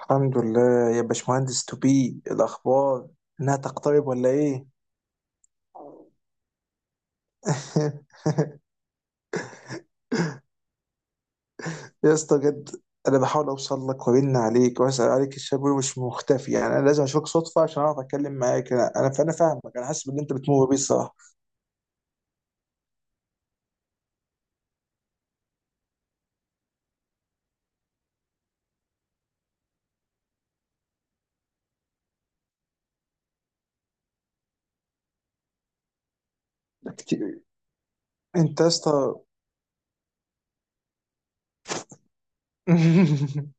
الحمد لله يا باشمهندس توبي الاخبار. انها تقترب ولا ايه؟ يا اسطى بجد، انا بحاول اوصل لك وارن عليك واسال عليك. الشاب مش مختفي، يعني انا لازم اشوفك صدفه عشان اعرف اتكلم معاك. انا انا فانا فاهمك، انا حاسس باللي انت بتمر بيه الصراحه. كتير. انت يا اسطى.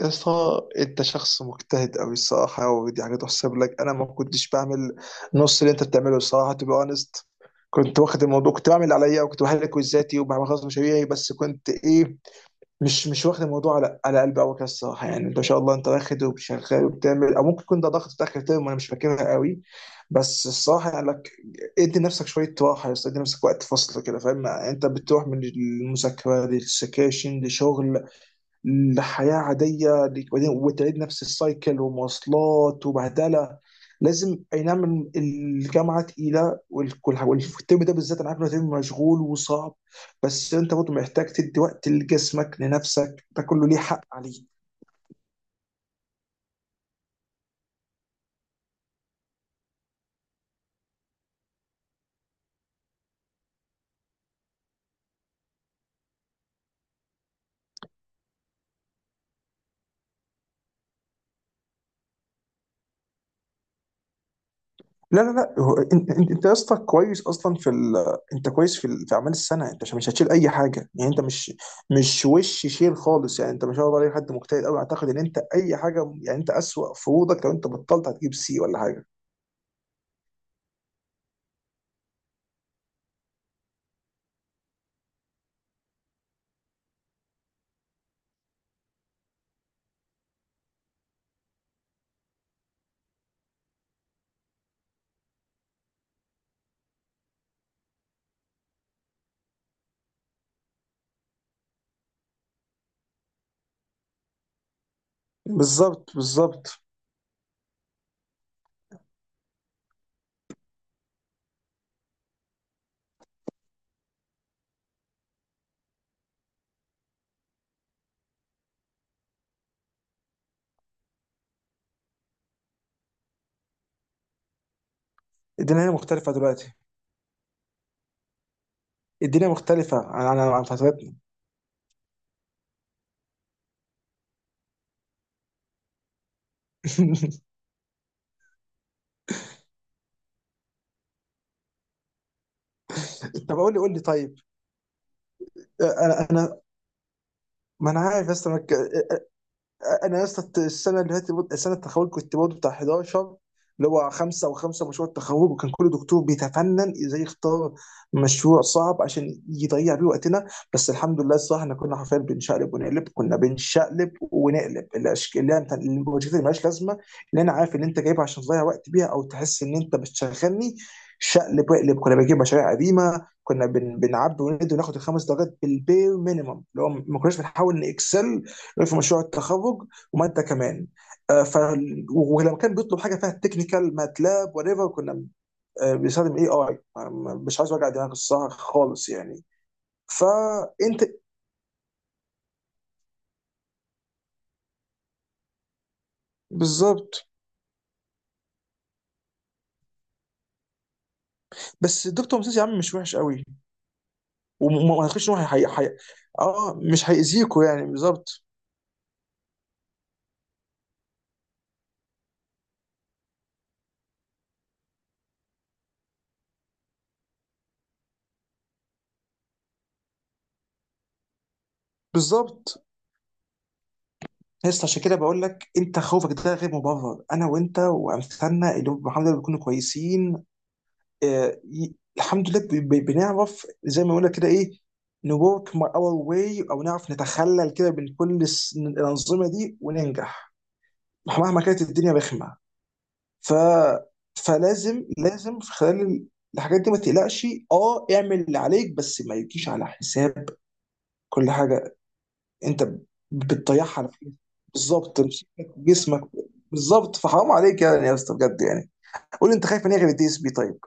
يا اسطى، انت شخص مجتهد قوي الصراحه، ودي حاجه تحسب لك. انا ما كنتش بعمل نص اللي انت بتعمله الصراحه، تو بي اونست. كنت واخد الموضوع، كنت بعمل اللي عليا وكنت بحل كويزاتي وبعمل خلاص مشاريعي، بس كنت ايه، مش واخد الموضوع على قلبي قوي كده الصراحه. يعني انت ما شاء الله، انت واخد وشغال وبتعمل، او ممكن يكون ده ضغط في اخر ترم وانا مش فاكرها قوي. بس الصراحه يعني لك، ادي نفسك شويه راحه يا اسطى، ادي نفسك وقت فصل كده فاهم؟ يعني انت بتروح من المذاكره للسكاشن لشغل لحياة عادية وتعيد نفس السايكل ومواصلات وبهدلة. لازم، اي نعم الجامعة تقيلة، والترم ده بالذات انا عارف انه ترم مشغول وصعب، بس انت برضه محتاج تدي وقت لجسمك لنفسك. ده كله ليه حق عليك. لا لا لا، هو انت انت أنت يا اسطى كويس اصلا في انت كويس في في اعمال السنه. انت مش هتشيل اي حاجه، يعني انت مش شيل خالص. يعني انت ما شاء الله عليك حد مجتهد قوي، اعتقد ان انت اي حاجه، يعني انت اسوأ فروضك لو انت بطلت هتجيب سي ولا حاجه. بالظبط، بالظبط. الدنيا هنا مختلفه دلوقتي. الدنيا مختلفه عن فترتنا. طب قول لي طيب. انا ما انا عارف يا اسطى. انا يا اسطى السنه اللي فاتت السنه التخرج كنت برضه بتاع 11، اللي هو خمسه او خمسه مشروع التخرج، وكان كل دكتور بيتفنن ازاي يختار مشروع صعب عشان يضيع بيه وقتنا. بس الحمد لله الصراحه احنا كنا حرفيا بنشقلب ونقلب، الاشكال اللي هي البروجكت اللي مالهاش لازمه، اللي انا عارف اللي انت جايبها عشان تضيع وقت بيها او تحس ان انت بتشغلني. شقلب واقلب. كنا بنجيب مشاريع قديمه، كنا بنعبي وندي وناخد الخمس درجات بالبير مينيمم، اللي هو ما كناش بنحاول نكسل في مشروع التخرج. وماده كمان، آه، ف ولما كان بيطلب حاجه فيها تكنيكال ماتلاب وات ايفر كنا، بنستخدم اي. مش عايز اوجع دماغ الصراحه خالص يعني. فانت بالظبط. بس الدكتور مسيس يا عم مش وحش قوي، وما ما اعتقدش ان هو اه مش هيأذيكوا يعني. بالظبط، بالظبط. لسه، عشان كده بقول لك، انت خوفك ده غير مبرر. انا وانت وامثالنا اللي هم الحمد لله بيكونوا كويسين، الحمد لله بنعرف زي ما قلنا كده ايه، نورك اور واي او، نعرف نتخلل كده من كل من الانظمه دي وننجح مهما كانت الدنيا رخمه. ف فلازم في خلال الحاجات دي ما تقلقش. اه اعمل اللي عليك، بس ما يجيش على حساب كل حاجه انت بتضيعها على فلوس. بالظبط، نفسيتك، جسمك. بالظبط، فحرام عليك يعني يا اسطى بجد يعني. قول لي، انت خايف ان هي غير الدي اس بي طيب؟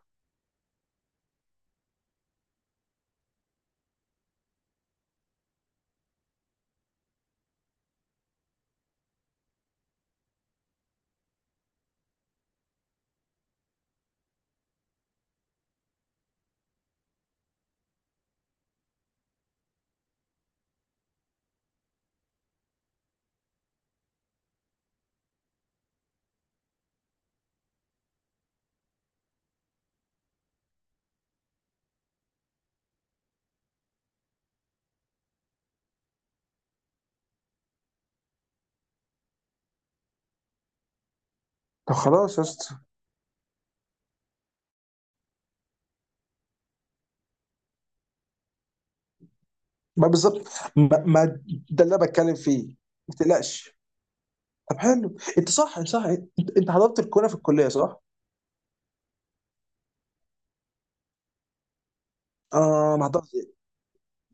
طب خلاص يا اسطى. ما بالظبط. ما ده اللي انا بتكلم فيه. ما تقلقش. طب حلو. انت صح، صح. انت حضرت الكوره في الكليه، صح؟ اه، ما حضرت.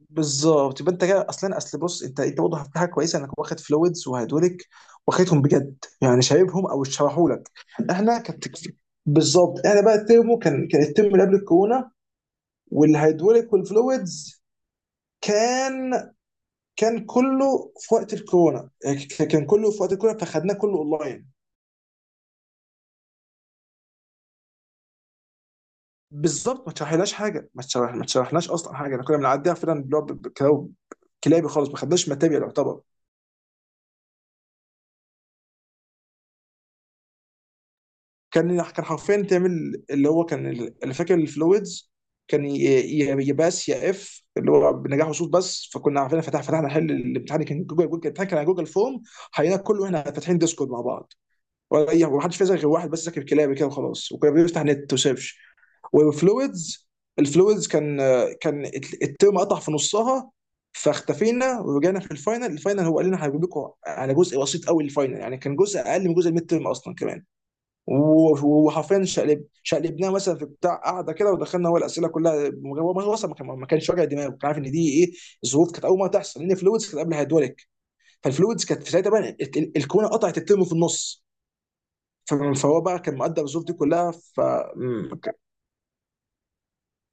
بالظبط، يبقى انت كده اصلا. بص، انت برضه في حاجه كويسه انك واخد فلويدز وهيدوليك، واخدهم بجد يعني، شايفهم او شرحوا لك. احنا كانت، بالظبط، احنا بقى الترمو كان، الترم اللي قبل الكورونا. والهيدوليك والفلويدز كان، كله في وقت الكورونا، يعني كان كله في وقت الكورونا فخدناه كله اونلاين. بالظبط، ما تشرحلهاش حاجه، ما تشرحناش اصلا حاجه. احنا كنا بنعديها فعلا، اللي هو كلابي خالص، ما خدناش ماتيريال يعتبر. كان، حرفيا تعمل اللي هو كان اللي فاكر الفلويدز كان يا باس يا اف، اللي هو بنجاح وصول بس، فكنا عارفين فتحنا، حل الامتحان كان جوجل، الامتحان كان على جوجل فورم. حلينا كله احنا فاتحين ديسكورد مع بعض، ولا اي، ومحدش فينا غير واحد بس ذاكر كلابي كده وخلاص، وكنا بنفتح نت وسيرش. والفلويدز، كان، كان الترم قطع في نصها، فاختفينا ورجعنا في الفاينل. الفاينل هو قال لنا هجيب لكم على جزء بسيط قوي. الفاينل يعني كان جزء اقل من جزء الميد ترم اصلا كمان. وحرفيا شقلبناه مثلا في بتاع قاعده كده ودخلنا هو الاسئله كلها. هو اصلا ما كانش واجع دماغه، كان عارف ان دي ايه. الظروف كانت اول مره تحصل، لان فلويدز كانت قبل هيدروليك. فالفلويدز كانت في ساعتها بقى الكونه قطعت الترم في النص. ف- فهو بقى كان مقدر الظروف دي كلها.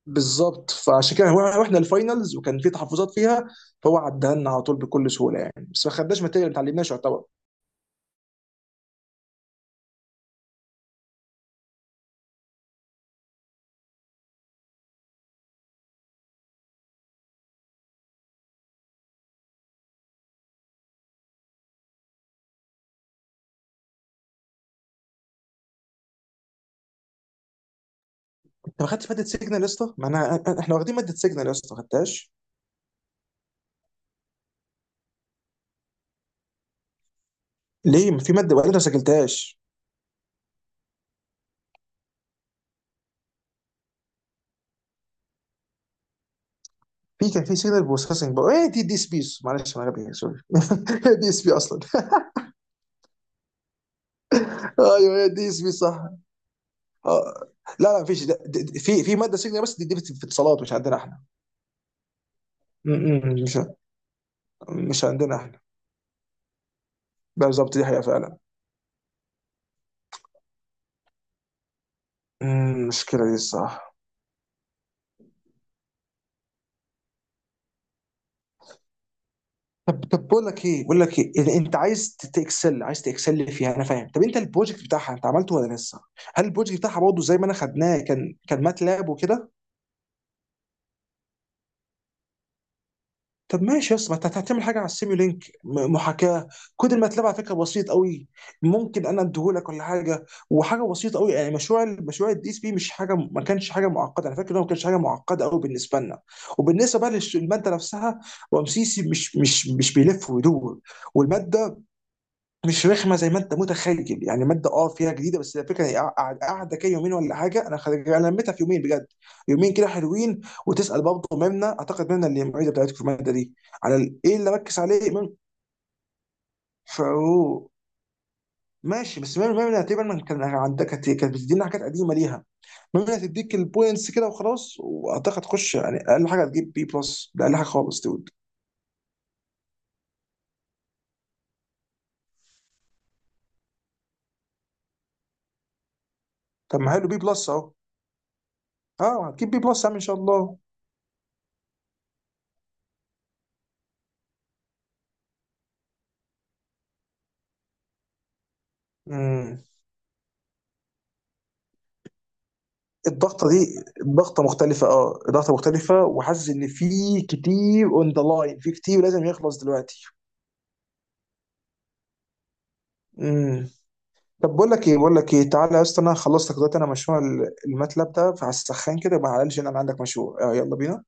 بالظبط، فعشان كده هو رحنا الفاينلز وكان في تحفظات فيها، فهو عدها لنا على طول بكل سهوله يعني. بس ما خدناش ماتيريال، ما اتعلمناش يعتبر. انت ما خدتش ماده سيجنال يا اسطى؟ ما انا احنا واخدين ماده سيجنال يا اسطى، ما خدتهاش. ليه ما في ماده وقالت ما سجلتهاش؟ في كان في سيجنال بروسيسنج، بقى ايه دي اس بي، معلش انا غبي، سوري. دي اس بي اصلا. ايوه، هي دي اس بي صح. آه. لا لا، مفيش. في ماده سيجنال، بس دي في اتصالات، مش عندنا احنا. م- م- مش مش عندنا احنا. بالظبط، دي حقيقه فعلا. مشكله دي الصراحه. طب بقول لك ايه، إذا انت عايز تكسل، فيها انا فاهم. طب انت البروجكت بتاعها، انت عملته ولا لسه؟ هل البروجكت بتاعها برضه زي ما انا خدناه؟ كان، ماتلاب وكده. طب ماشي يا اسطى، ما انت هتعمل حاجه على السيميو لينك، محاكاه. كود الماتلاب على فكره بسيط قوي، ممكن انا اديهولك ولا حاجه، وحاجه بسيطه قوي يعني. مشروع مشروع الدي اس بي مش حاجه، ما كانش حاجه معقده، انا فاكر انه ما كانش حاجه معقده قوي بالنسبه لنا. وبالنسبه بقى للماده نفسها، رمسيسي مش بيلف ويدور، والماده مش رخمه زي ما انت متخيل. يعني ماده فيها جديده، بس الفكره هي قاعده كده يومين ولا حاجه. انا لميتها في 2 يومين بجد، يومين كده حلوين. وتسال برضه ممنا، اعتقد ممنا اللي المعيده بتاعتكم في الماده دي. على ايه اللي ركز عليه من فروق؟ ماشي. بس ممنا تقريبا من كان عندك كانت بتدينا حاجات قديمه ليها. ممنا تديك البوينتس كده وخلاص، واعتقد تخش يعني اقل حاجه هتجيب بي بلس، ده اقل حاجه خالص دود. طب ما حلو، بي بلس اهو. اه هتجيب بي بلس يا عم ان شاء الله. امم الضغطه دي ضغطه مختلفه، اه ضغطه مختلفه، وحاسس ان في كتير اون ذا لاين، في كتير لازم يخلص دلوقتي. امم طب بقول لك ايه، تعالى يا اسطى انا خلصت لك دلوقتي انا مشروع الماتلاب ده، فهسخن كده يبقى على الأقل انا عندك مشروع. يلا بينا.